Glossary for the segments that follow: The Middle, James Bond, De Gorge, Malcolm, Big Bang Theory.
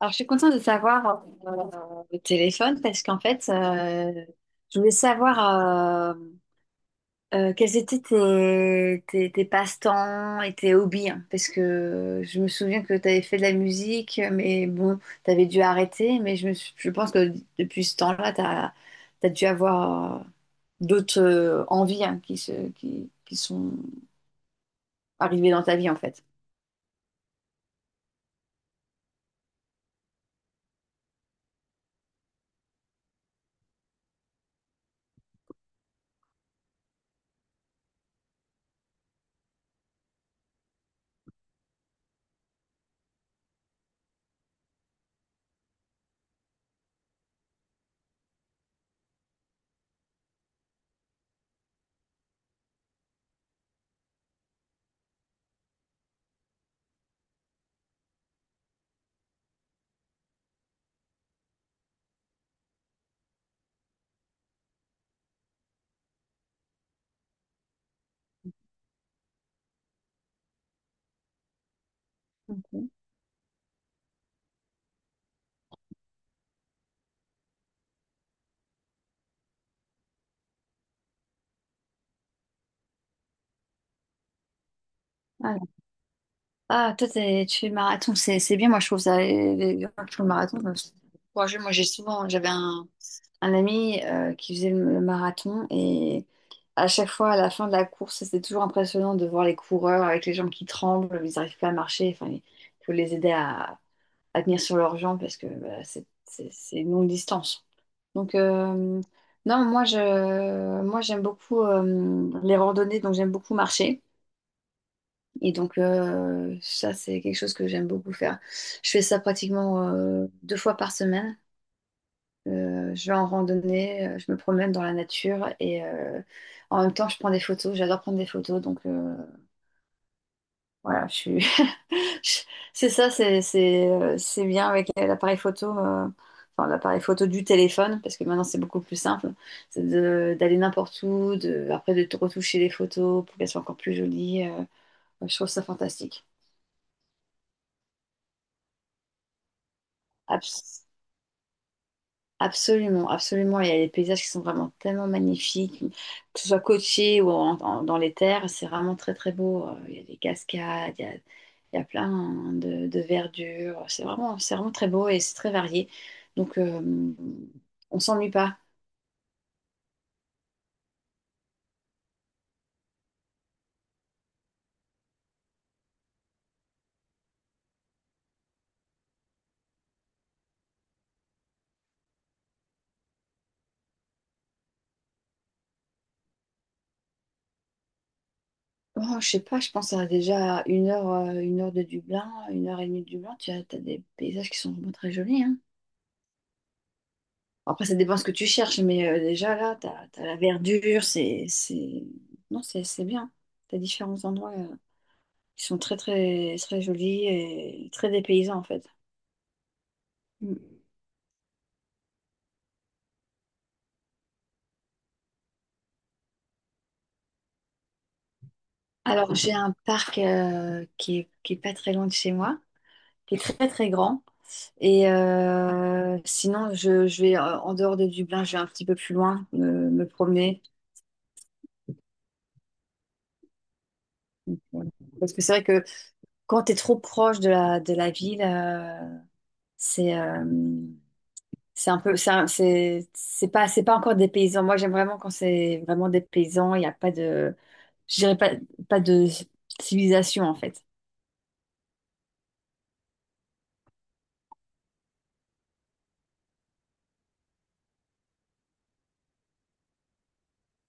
Alors, je suis contente de savoir au téléphone parce qu'en fait, je voulais savoir quels étaient tes passe-temps et tes hobbies, hein, parce que je me souviens que tu avais fait de la musique, mais bon, tu avais dû arrêter. Je pense que depuis ce temps-là, tu as dû avoir d'autres envies, hein, qui sont arrivées dans ta vie en fait. Ok. Ah, toi, tu fais le marathon, c'est bien. Moi, je trouve ça. Les gens qui font le marathon, c'est courageux. Moi, j'ai souvent. J'avais un ami qui faisait le marathon et à chaque fois, à la fin de la course, c'était toujours impressionnant de voir les coureurs avec les jambes qui tremblent. Ils n'arrivent pas à marcher. Enfin, il faut les aider à tenir sur leurs jambes parce que bah, c'est une longue distance. Donc, non, moi, j'aime beaucoup les randonnées, donc j'aime beaucoup marcher. Et donc, ça, c'est quelque chose que j'aime beaucoup faire. Je fais ça pratiquement deux fois par semaine. Je vais en randonnée, je me promène dans la nature et en même temps, je prends des photos. J'adore prendre des photos. Donc, voilà, je suis je- c'est ça, c'est bien avec l'appareil photo, enfin, l'appareil photo du téléphone, parce que maintenant, c'est beaucoup plus simple. D'aller n'importe où, de, après de retoucher les photos pour qu'elles soient encore plus jolies. Ouais, je trouve ça fantastique. Absolument, absolument. Il y a des paysages qui sont vraiment tellement magnifiques, que ce soit côtier ou dans les terres, c'est vraiment très très beau. Il y a des cascades, il y a plein de verdure. C'est vraiment très beau et c'est très varié. Donc, on s'ennuie pas. Oh, je sais pas, je pense à déjà une heure de Dublin, une heure et demie de Dublin. T'as des paysages qui sont vraiment très jolis, hein. Après, ça dépend ce que tu cherches, mais déjà là, t'as la verdure, c'est... Non, c'est bien. T'as différents endroits qui sont très jolis et très dépaysants, en fait. Mm. Alors, j'ai un parc qui est pas très loin de chez moi, qui est très, très grand. Et sinon, je vais, en dehors de Dublin, je vais un petit peu plus loin, me promener. Parce que c'est vrai que quand tu es trop proche de de la ville, c'est... C'est un peu, c'est un- c'est pas encore des paysans. Moi, j'aime vraiment quand c'est vraiment des paysans. Il n'y a pas de, je dirais pas, pas de civilisation en fait.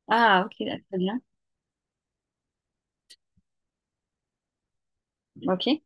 Ah, ok, là, très bien. Ok.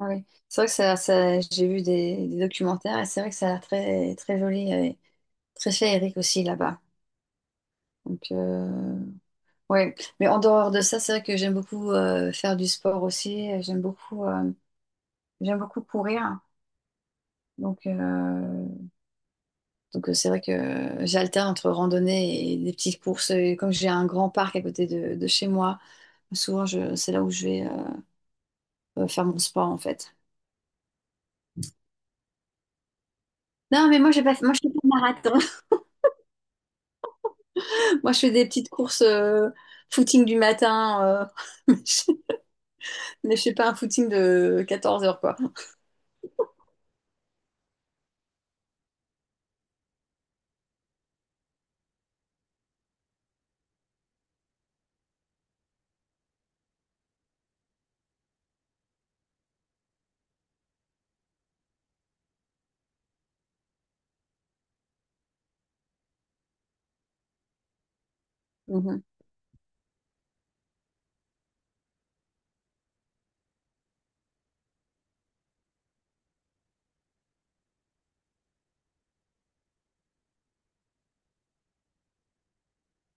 Ah oui. C'est vrai que j'ai vu des documentaires et c'est vrai que ça a l'air très, très joli et très féerique aussi là-bas. Donc, ouais. Mais en dehors de ça, c'est vrai que j'aime beaucoup faire du sport aussi. J'aime beaucoup courir. Donc, donc c'est vrai que j'alterne entre randonnée et des petites courses. Et comme j'ai un grand parc à côté de chez moi, souvent c'est là où je vais faire mon sport en fait. Non, mais moi je fais pas de marathon. Moi je fais des petites courses footing du matin, euh, mais je fais pas un footing de quatorze heures quoi.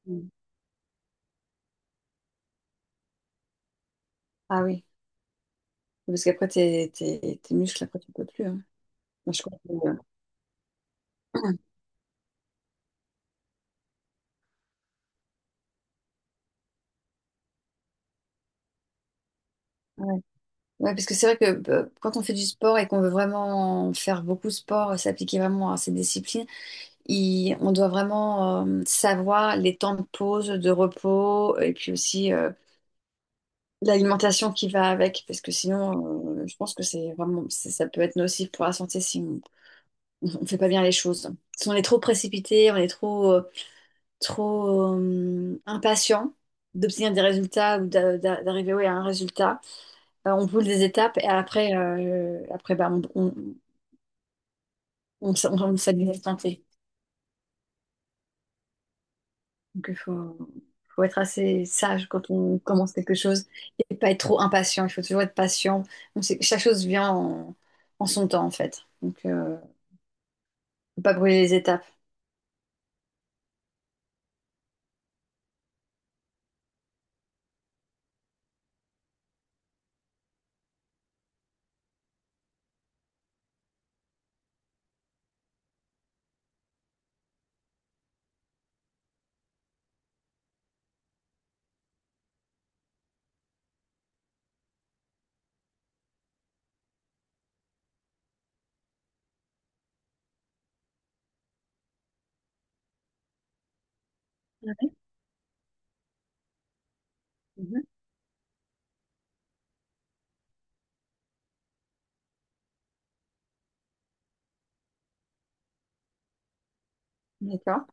Mhm. Ah oui, parce qu'après tes muscles, après tu peux plus, hein. Moi, je comprends. Euh, ouais. Ouais, parce que c'est vrai que quand on fait du sport et qu'on veut vraiment faire beaucoup de sport, s'appliquer vraiment à ces disciplines, on doit vraiment savoir les temps de pause, de repos, et puis aussi l'alimentation qui va avec, parce que sinon, je pense que ça peut être nocif pour la santé si on ne fait pas bien les choses. Si on est trop précipité, on est trop... impatient d'obtenir des résultats ou d'arriver, ouais, à un résultat. On brûle des étapes et après, après bah, on s'habille à tenter. Donc faut être assez sage quand on commence quelque chose et pas être trop impatient. Il faut toujours être patient. Donc, c'est- chaque chose vient en, en son temps en fait. Donc faut pas brûler les étapes. Mhm. D'accord.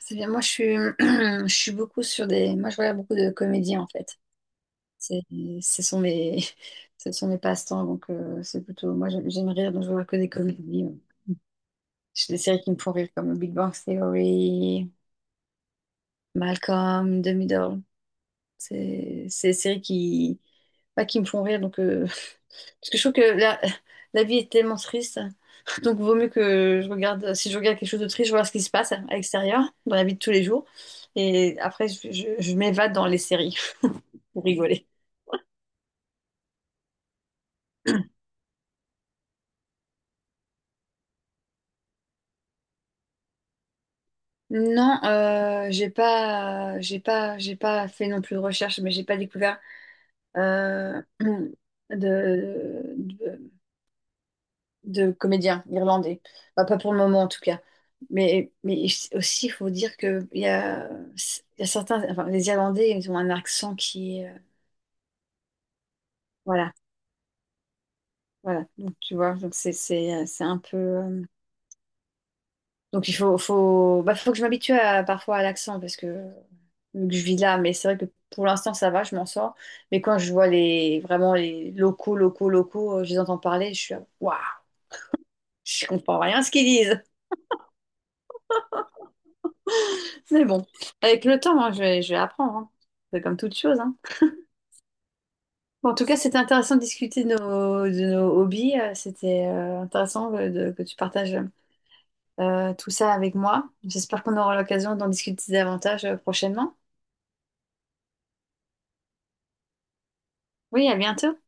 C'est bien. Je suis beaucoup sur des... Moi je regarde beaucoup de comédies en fait. C'est, ce sont mes, ce sont mes passe-temps, donc c'est plutôt. Moi, j'aime rire, donc je vois que des comédies. Euh, j'ai des séries qui me font rire, comme Big Bang Theory, Malcolm, The Middle. C'est des séries qui, pas qui me font rire, donc parce que je trouve que la, la vie est tellement triste, donc vaut mieux que je regarde. Si je regarde quelque chose de triste, je vois ce qui se passe à l'extérieur, dans la vie de tous les jours, et après, je m'évade dans les séries pour rigoler. Non, j'ai pas fait non plus de recherche, mais j'ai pas découvert euh, de, de, de comédiens irlandais. Bah, pas pour le moment en tout cas. Mais aussi, il faut dire que il y a certains, enfin, les Irlandais, ils ont un accent qui est, voilà, voilà. Donc tu vois, donc c'est un peu. Euh, donc bah, faut que je m'habitue à- parfois à l'accent parce que, vu que je vis là, mais c'est vrai que pour l'instant ça va, je m'en sors. Mais quand je vois les vraiment les locaux, locaux, locaux, je les entends parler, je suis là, waouh, je comprends rien à ce qu'ils disent. Mais bon, avec le temps, hein, je vais apprendre, hein. C'est comme toute chose, hein. Bon, en tout cas, c'était intéressant de discuter de nos hobbies. Euh, c'était intéressant que, que tu partages tout ça avec moi. J'espère qu'on aura l'occasion d'en discuter davantage prochainement. Oui, à bientôt.